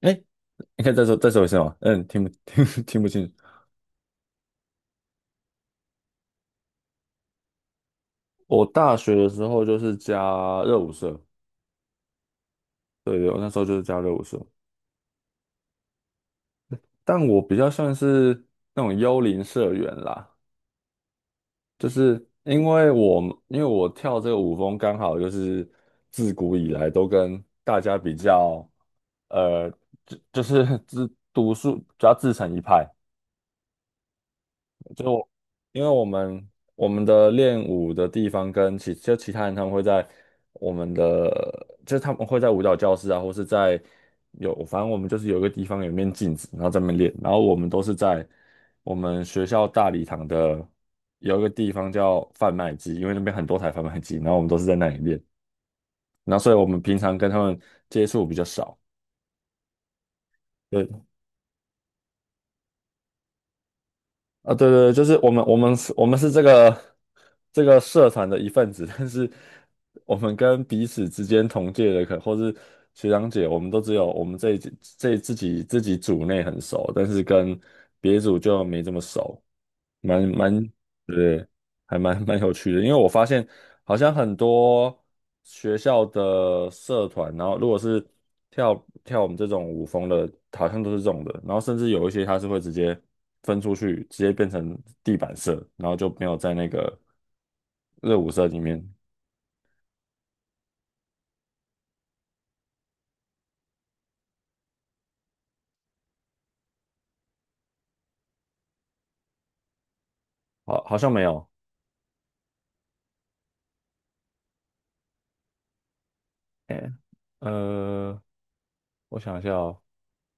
哎，你可以再说一次吗？嗯，听不清楚。我大学的时候就是加热舞社。对，对，我那时候就是加热舞社，但我比较算是那种幽灵社员啦。就是因为我因为我跳这个舞风，刚好就是自古以来都跟大家比较，呃，就是自独树，主要自成一派。就我因为我们的练舞的地方跟其他人，他们会在我们的，就是他们会在舞蹈教室啊，或是在，有反正我们就是有一个地方有一面镜子，然后在那边练。然后我们都是在我们学校大礼堂的有一个地方叫贩卖机，因为那边很多台贩卖机，然后我们都是在那里练。然后所以我们平常跟他们接触比较少。对。啊，对对对，就是我们是这个社团的一份子，但是我们跟彼此之间同届的或是学长姐，我们都只有我们这自己组内很熟，但是跟别组就没这么熟。蛮蛮，对，还蛮有趣的。因为我发现好像很多学校的社团，然后如果是跳跳我们这种舞风的，好像都是这种的，然后甚至有一些它是会直接分出去，直接变成地板社，然后就没有在那个热舞社里面。好像没有。哎，呃，我想一下哦。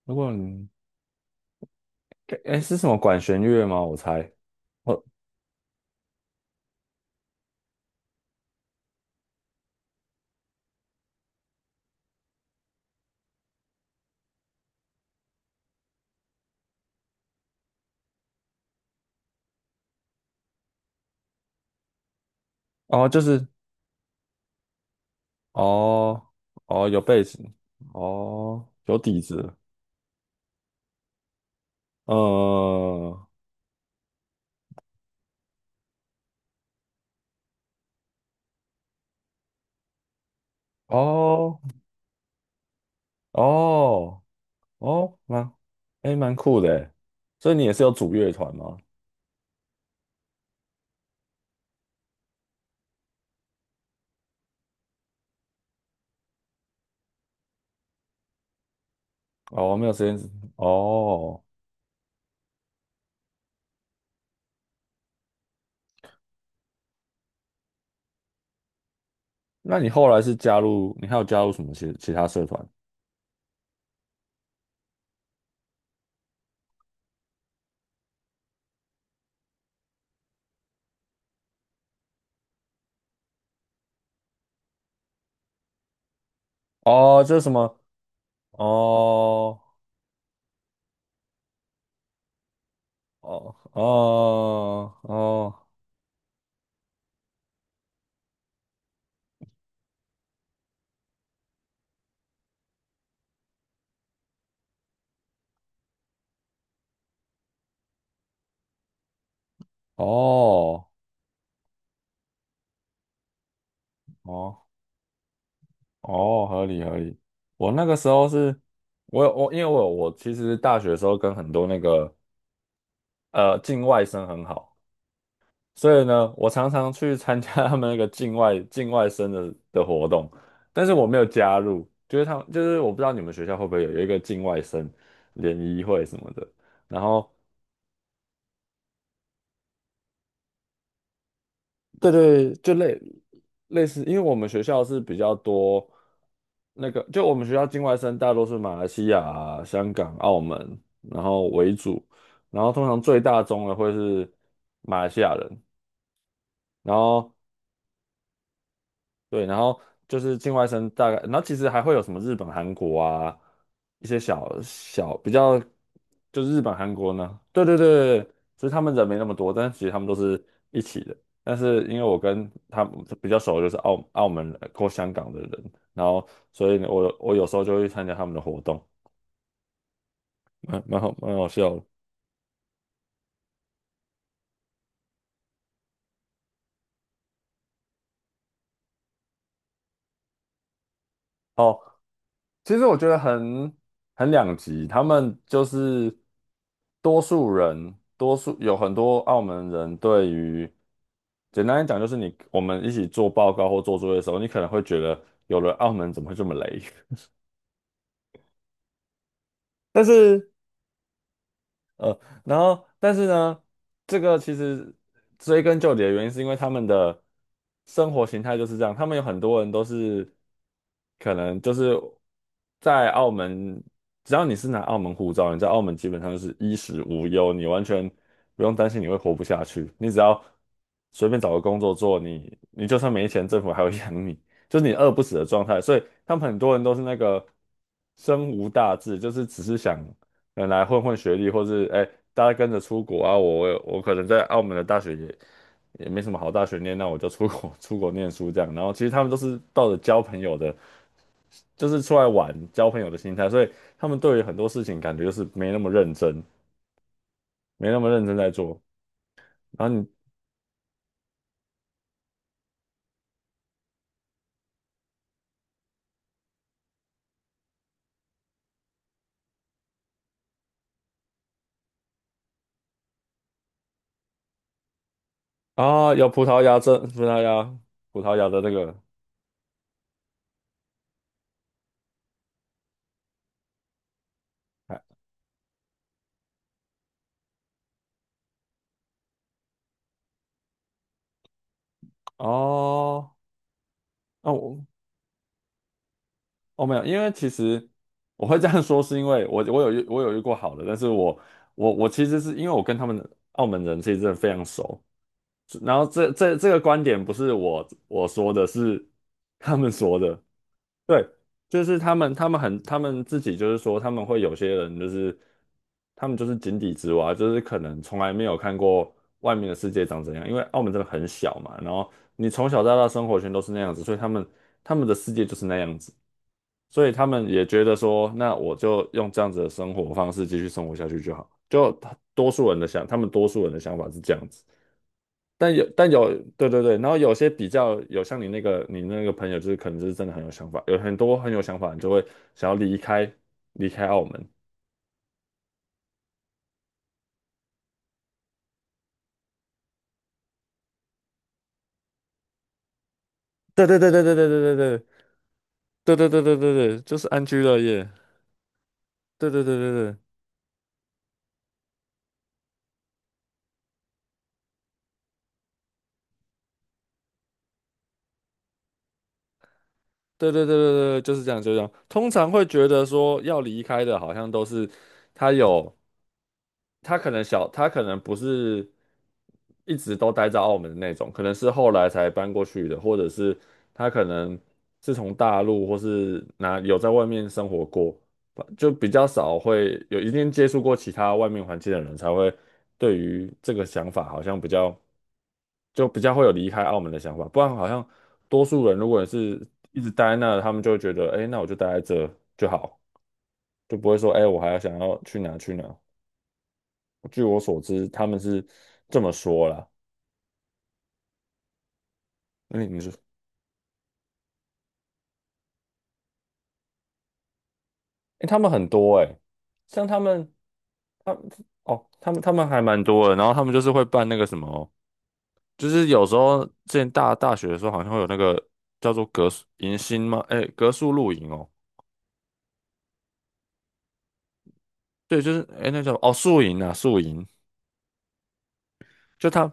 如果你，哎，是什么管弦乐吗？我猜。哦哦，就是。哦哦，有背景。哦，有底子。嗯。哦哦哦，蛮，哎，蛮酷的诶，所以你也是有组乐团吗？哦，没有时间。哦，那你后来是加入，你还有加入什么其他社团？哦，就是什么。哦哦哦哦哦哦。哦哦，合理合理。我那个时候是，我有我因为我有我其实大学的时候跟很多那个境外生很好，所以呢，我常常去参加 他们那个境外生的活动，但是我没有加入。就是他们，就是我不知道你们学校会不会有一个境外生联谊会什么的。然后对对，类似，因为我们学校是比较多那个，就我们学校境外生大多是马来西亚啊、香港、澳门，然后为主，然后通常最大宗的会是马来西亚人。然后对，然后就是境外生大概，然后其实还会有什么日本、韩国啊，一些小小比较，就是日本、韩国呢，对对对对，其实他们人没那么多，但是其实他们都是一起的。但是因为我跟他们比较熟，就是澳门人或香港的人，然后所以呢，我有时候就会参加他们的活动，蛮好笑的。哦，其实我觉得很两极。他们就是多数人，多数，有很多澳门人对于，简单来讲就是你，我们一起做报告或做作业的时候，你可能会觉得有了澳门怎么会这么雷？但是。呃，然后但是呢，这个其实追根究底的原因是因为他们的生活形态就是这样。他们有很多人都是可能就是在澳门，只要你是拿澳门护照，你在澳门基本上就是衣食无忧。你完全不用担心你会活不下去，你只要随便找个工作做，你就算没钱，政府还会 养你。就是你饿不死的状态，所以他们很多人都是那个生无大志，就是只是想。来混混学历，或是哎，大家跟着出国啊，我可能在澳门的大学也没什么好大学念，那我就出国 出国念书这样。然后其实他们都是抱着交朋友的，就是出来玩交朋友的心态，所以他们对于很多事情感觉就是没那么认真，没那么认真在做。然后你啊，有葡萄牙这葡萄牙葡萄牙的那个，哎。哦，那、我，哦，没有，因为其实我会这样说，是因为我有遇过好的。但是，我其实是因为我跟他们澳门人其实真的非常熟。然后这个观点不是我说的，是他们说的。对，就是他们，他们很，他们自己就是说，他们会有些人就是，他们就是井底之蛙，就是可能从来没有看过外面的世界长怎样，因为澳门真的很小嘛，然后你从小到大生活圈都是那样子，所以他们的世界就是那样子，所以他们也觉得说，那我就用这样子的生活方式继续生活下去就好，就多数人的想，他们多数人的想法是这样子。但有对对对，然后有些比较有像你那个朋友，就是可能就是真的很有想法，有很多很有想法，你就会想要离开澳门。对对对对对对对对对对对对对对对，就是安居乐业。对对对对对。对对对对对，就是这样，就是这样。通常会觉得说要离开的，好像都是他有，他可能小，他可能不是一直都待在澳门的那种，可能是后来才搬过去的，或者是他可能是从大陆或是哪有在外面生活过，就比较少，会有一定接触过其他外面环境的人，才会对于这个想法好像比较。就比较会有离开澳门的想法。不然好像多数人如果是一直待在那，他们就会觉得，哎，那我就待在这就好，就不会说，哎，我还要想要去哪去哪。据我所知，他们是这么说啦。那你说，哎，他们很多，哎，像他们，他，哦，他们还蛮多的，然后他们就是会办那个什么，就是有时候之前大学的时候，好像会有那个叫做格宿迎新吗？哎，格宿露营哦。对，就是哎，那叫哦，宿营啊，宿营。就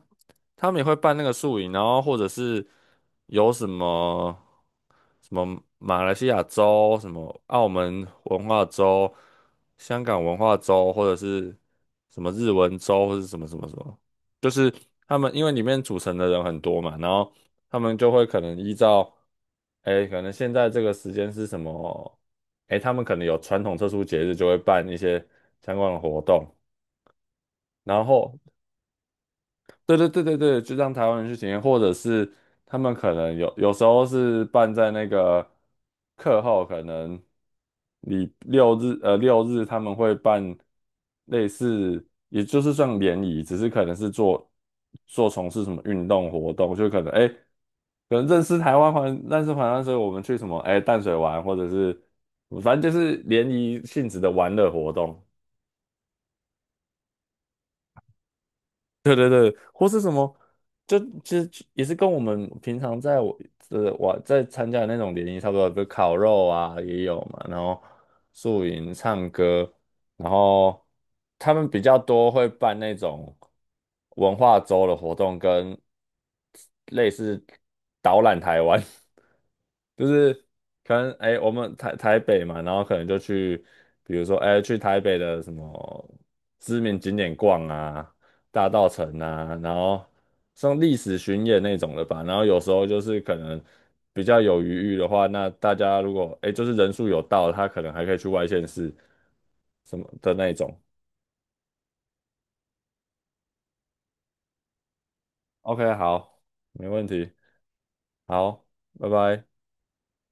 他们也会办那个宿营，然后或者是有什么什么马来西亚州、什么澳门文化州、香港文化州，或者是什么日文州，或者是什么什么什么，就是他们因为里面组成的人很多嘛，然后他们就会可能依照，哎，可能现在这个时间是什么，哎，他们可能有传统特殊节日，就会办一些相关的活动。然后对对对对对，就让台湾人去体验，或者是他们可能有时候是办在那个课后，可能你六日他们会办类似，也就是算联谊，只是可能是做从事什么运动活动，就可能哎，可能认识台湾，所以我们去什么哎淡水玩，或者是反正就是联谊性质的玩乐活动。对对对，或是什么，就其实也是跟我们平常在我在参加的那种联谊差不多，比如烤肉啊也有嘛，然后宿营、唱歌，然后他们比较多会办那种文化周的活动，跟类似导览台湾。就是可能哎、我们台北嘛，然后可能就去，比如说哎、去台北的什么知名景点逛啊，大道城啊，然后像历史巡演那种的吧。然后有时候就是可能比较有余裕的话，那大家如果哎、就是人数有到，他可能还可以去外县市什么的那种。OK，好，没问题。好，拜拜。